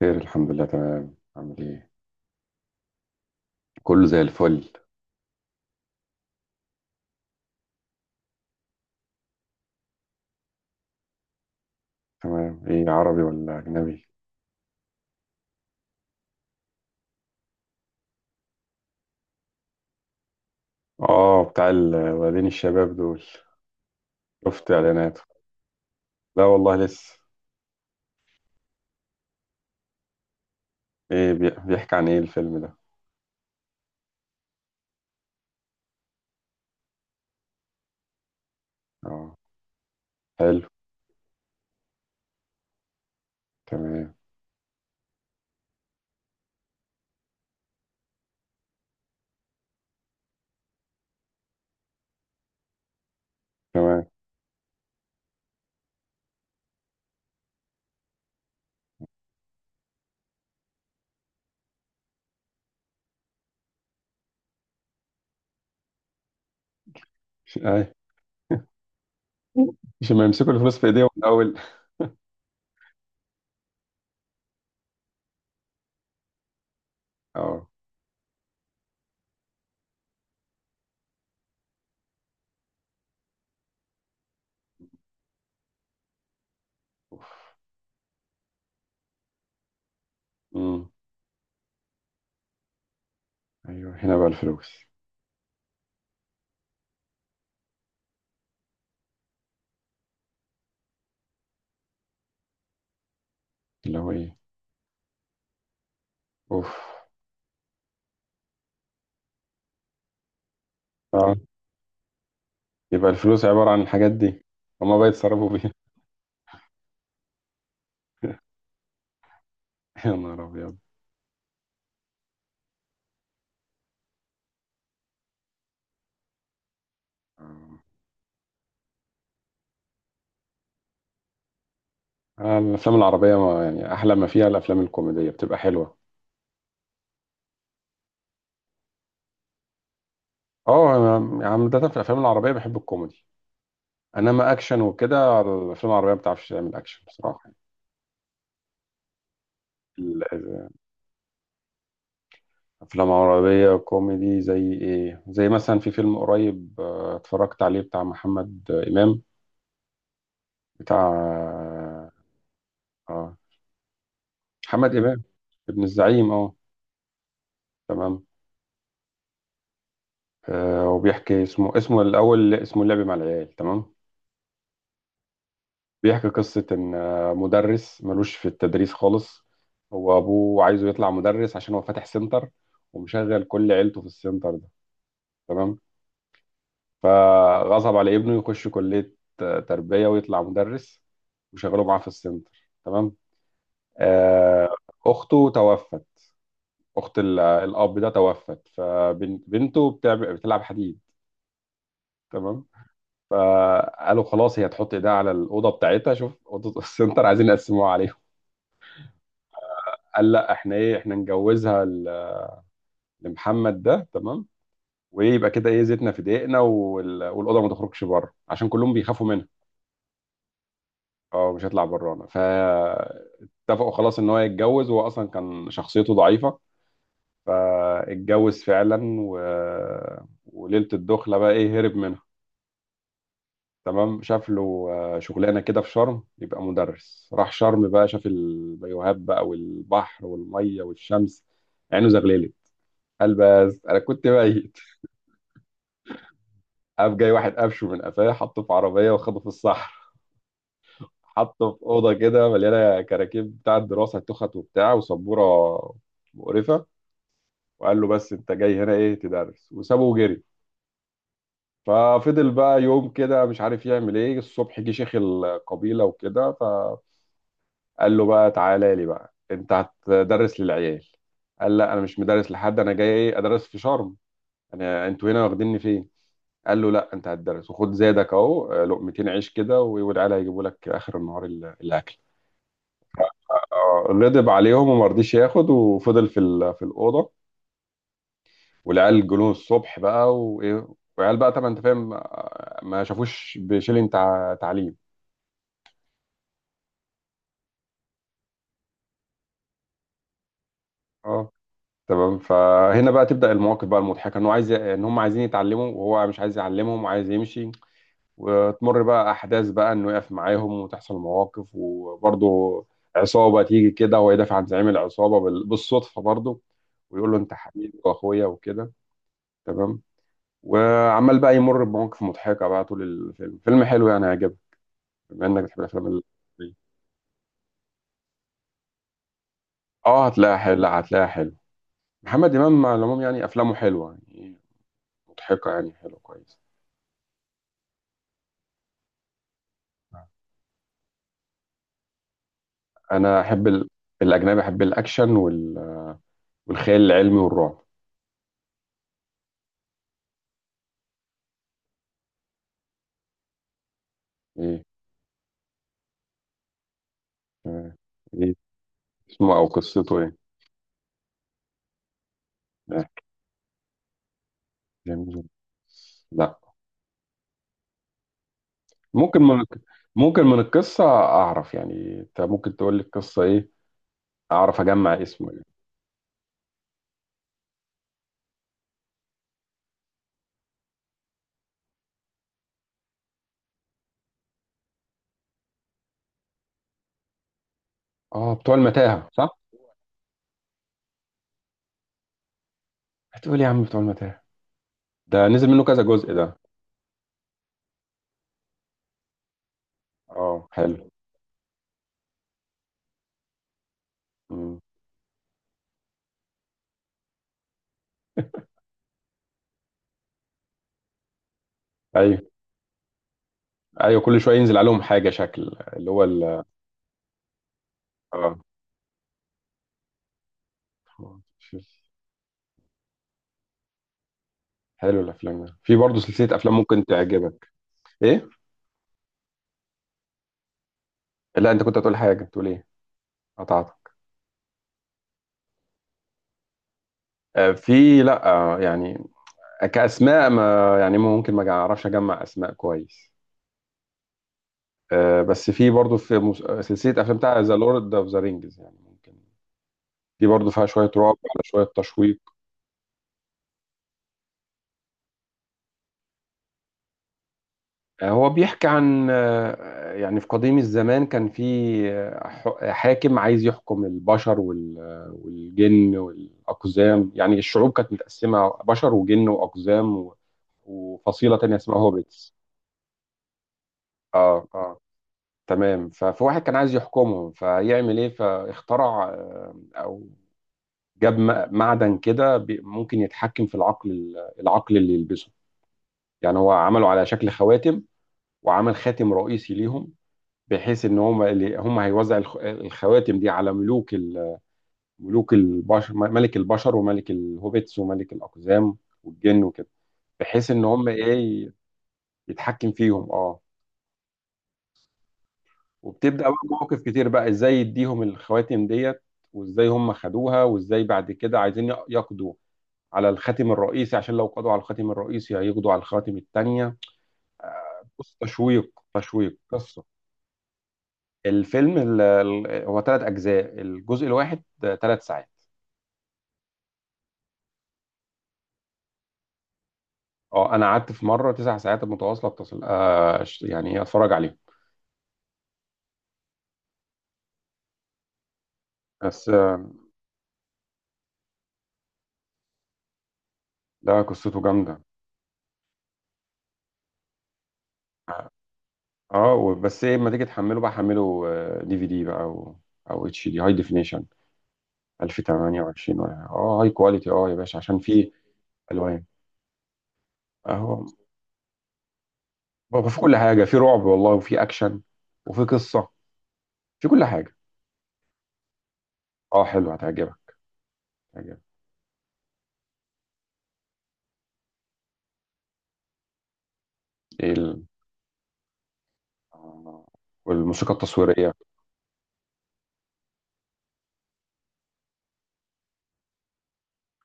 خير، الحمد لله، تمام. عامل ايه؟ كله زي الفل. تمام. ايه، عربي ولا اجنبي؟ اه، بتاع الولدين الشباب دول. شفت اعلاناته. لا والله، لسه. ايه، بيحكي عن ايه الفيلم ده؟ اه، حلو. تمام. تمام. اي. مش ما يمسكوا الفلوس في ايديهم من الاول؟ اه. امم. ايوه، هنا بقى الفلوس. اللي هو ايه؟ اوف. اه، يبقى الفلوس عبارة عن الحاجات دي. هما بقى يتصرفوا بيها؟ يا نهار ابيض! آه. الافلام العربيه، ما يعني احلى ما فيها الافلام الكوميديه بتبقى حلوه. اه، يعني عاده في الافلام العربيه بحب الكوميدي. انما اكشن وكده، الافلام العربيه ما بتعرفش تعمل اكشن بصراحه. ال- ال- الافلام العربيه كوميدي زي ايه؟ زي مثلا في فيلم قريب اتفرجت عليه بتاع محمد امام. بتاع آه، محمد امام. ابن الزعيم، اه. تمام. وبيحكي اسمه الاول، اسمه اللعب مع العيال. تمام. بيحكي قصة إن مدرس ملوش في التدريس خالص. هو أبوه عايزه يطلع مدرس عشان هو فاتح سنتر، ومشغل كل عيلته في السنتر ده. تمام. فغصب على ابنه يخش كلية تربية ويطلع مدرس، وشغله معاه في السنتر. تمام. آه، أخته توفت. أخت الأب ده توفت، فبنته بتلعب حديد. تمام. فقالوا خلاص هي تحط ايديها على الأوضة بتاعتها. شوف أوضة السنتر عايزين يقسموها عليهم. قال لا، احنا ايه، احنا نجوزها لمحمد ده. تمام. وايه يبقى كده، ايه زيتنا في دقيقنا، والاوضه ما تخرجش بره عشان كلهم بيخافوا منها. اه، مش هيطلع برانا. فاتفقوا خلاص ان هو يتجوز، وهو اصلا كان شخصيته ضعيفه. فاتجوز فعلا وليله الدخله بقى، ايه، هرب منها. تمام. شاف له شغلانه كده في شرم يبقى مدرس، راح شرم بقى، شاف البيوهات بقى والبحر والميه والشمس. عينه زغللت. قال بس انا كنت بايت. قام جاي واحد قفشه من قفاه، حطه في عربيه وخده في الصحراء. حطه في اوضه كده مليانه كراكيب بتاع الدراسه، تخت وبتاع وسبوره. مقرفه. وقال له بس انت جاي هنا ايه تدرس، وسابه وجري. ففضل بقى يوم كده مش عارف يعمل ايه. الصبح جه شيخ القبيله وكده فقال له بقى: تعالى لي بقى، انت هتدرس للعيال. قال لا، انا مش مدرس لحد، انا جاي ايه ادرس في شرم، انا انتوا هنا واخديني فين؟ قال له لا، انت هتدرس وخد زادك اهو، لقمتين عيش كده والعيال هيجيبوا لك اخر النهار الاكل. غضب عليهم وما رضيش ياخد، وفضل في الاوضه. والعيال جولون الصبح بقى، وايه، والعيال بقى طبعا، انت فاهم، ما شافوش بشيلين تعليم. اه. تمام. فهنا بقى تبدا المواقف بقى المضحكه، انه عايز، ان هم عايزين يتعلموا وهو مش عايز يعلمهم وعايز يمشي. وتمر بقى احداث بقى انه يقف معاهم وتحصل مواقف، وبرضه عصابه تيجي كده وهو يدافع عن زعيم العصابه بالصدفه، برضه ويقول له انت حبيبي واخويا وكده. تمام. وعمال بقى يمر بمواقف مضحكه بقى طول الفيلم. فيلم حلو يعني، هيعجبك بما انك بتحب الافلام اه، هتلاقيها حلو، هتلاقيها حلو. محمد امام على العموم يعني افلامه حلوه يعني، مضحكه يعني، حلوه كويس. انا احب الاجنبي. احب الاكشن والخيال العلمي والرعب. ايه. آه. إيه. اسمه او قصته ايه؟ آه، جميل. لا. ممكن من الك- ممكن من القصه اعرف، يعني انت ممكن تقول لي القصه ايه؟ اعرف اجمع اسمه، يعني. اه، بتوع المتاهه، صح؟ هتقول إيه يا عم، بتوع المتاهه. ده نزل منه كذا جزء ده. اه، حلو. مم. ايوه. ايوه، كل شويه ينزل عليهم حاجه شكل اللي هو اه، شوف، حلو. الافلام ده في برضه سلسله افلام ممكن تعجبك. ايه. لا، انت كنت هتقول حاجه، تقول ايه؟ قطعتك. في، لا، يعني، كأسماء ما، يعني ممكن ما أعرفش أجمع أسماء كويس. بس في برضه في سلسلة أفلام بتاع ذا لورد أوف ذا رينجز، يعني ممكن دي برضه فيها شوية رعب على شوية تشويق. هو بيحكي عن يعني في قديم الزمان كان في حاكم عايز يحكم البشر والجن والأقزام، يعني الشعوب كانت متقسمة بشر وجن وأقزام وفصيلة تانية اسمها هوبيتس. اه، اه. تمام. ففي واحد كان عايز يحكمهم فيعمل ايه، فاخترع او جاب معدن كده ممكن يتحكم في العقل اللي يلبسه. يعني هو عمله على شكل خواتم، وعمل خاتم رئيسي ليهم. بحيث ان هم هيوزع الخواتم دي على ملوك ملك البشر وملك الهوبيتس وملك الاقزام والجن وكده. بحيث ان هم ايه، يتحكم فيهم. اه. وبتبدأ بقى مواقف كتير بقى، ازاي يديهم الخواتم ديت، وازاي هم خدوها، وازاي بعد كده عايزين يقضوا على الخاتم الرئيسي، عشان لو قضوا على الخاتم الرئيسي هيقضوا على الخواتم التانية. بص، تشويق تشويق، قصة. الفيلم هو 3 أجزاء، الجزء الواحد 3 ساعات. اه، أنا قعدت في مرة 9 ساعات متواصلة، اتصل يعني أتفرج عليه. بس لا، قصته جامدة. اه، بس ايه، لما تيجي تحمله بقى، حمله DVD بقى، او HD، هاي ديفينيشن 1028، ولا اه هاي كواليتي، اه يا باشا، عشان في الوان. اهو بقى في كل حاجه، في رعب والله وفي اكشن وفي قصه، في كل حاجه. اه، حلو، هتعجبك. هتعجبك. ايه آه، والموسيقى التصويريه.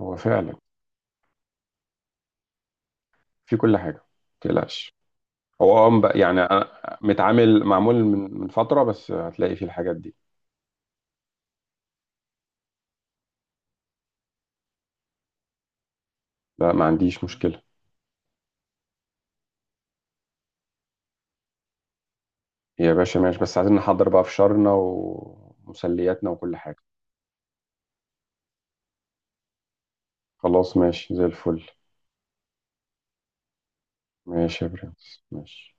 هو فعلا في كل حاجه، ما تقلقش. هو يعني أنا متعامل معمول من فتره، بس هتلاقي فيه الحاجات دي. لا، ما عنديش مشكله. يا باشا ماشي، بس عايزين نحضر بقى فشارنا ومسلياتنا وكل حاجه. خلاص، ماشي زي الفل. ماشي يا برنس، ماشي.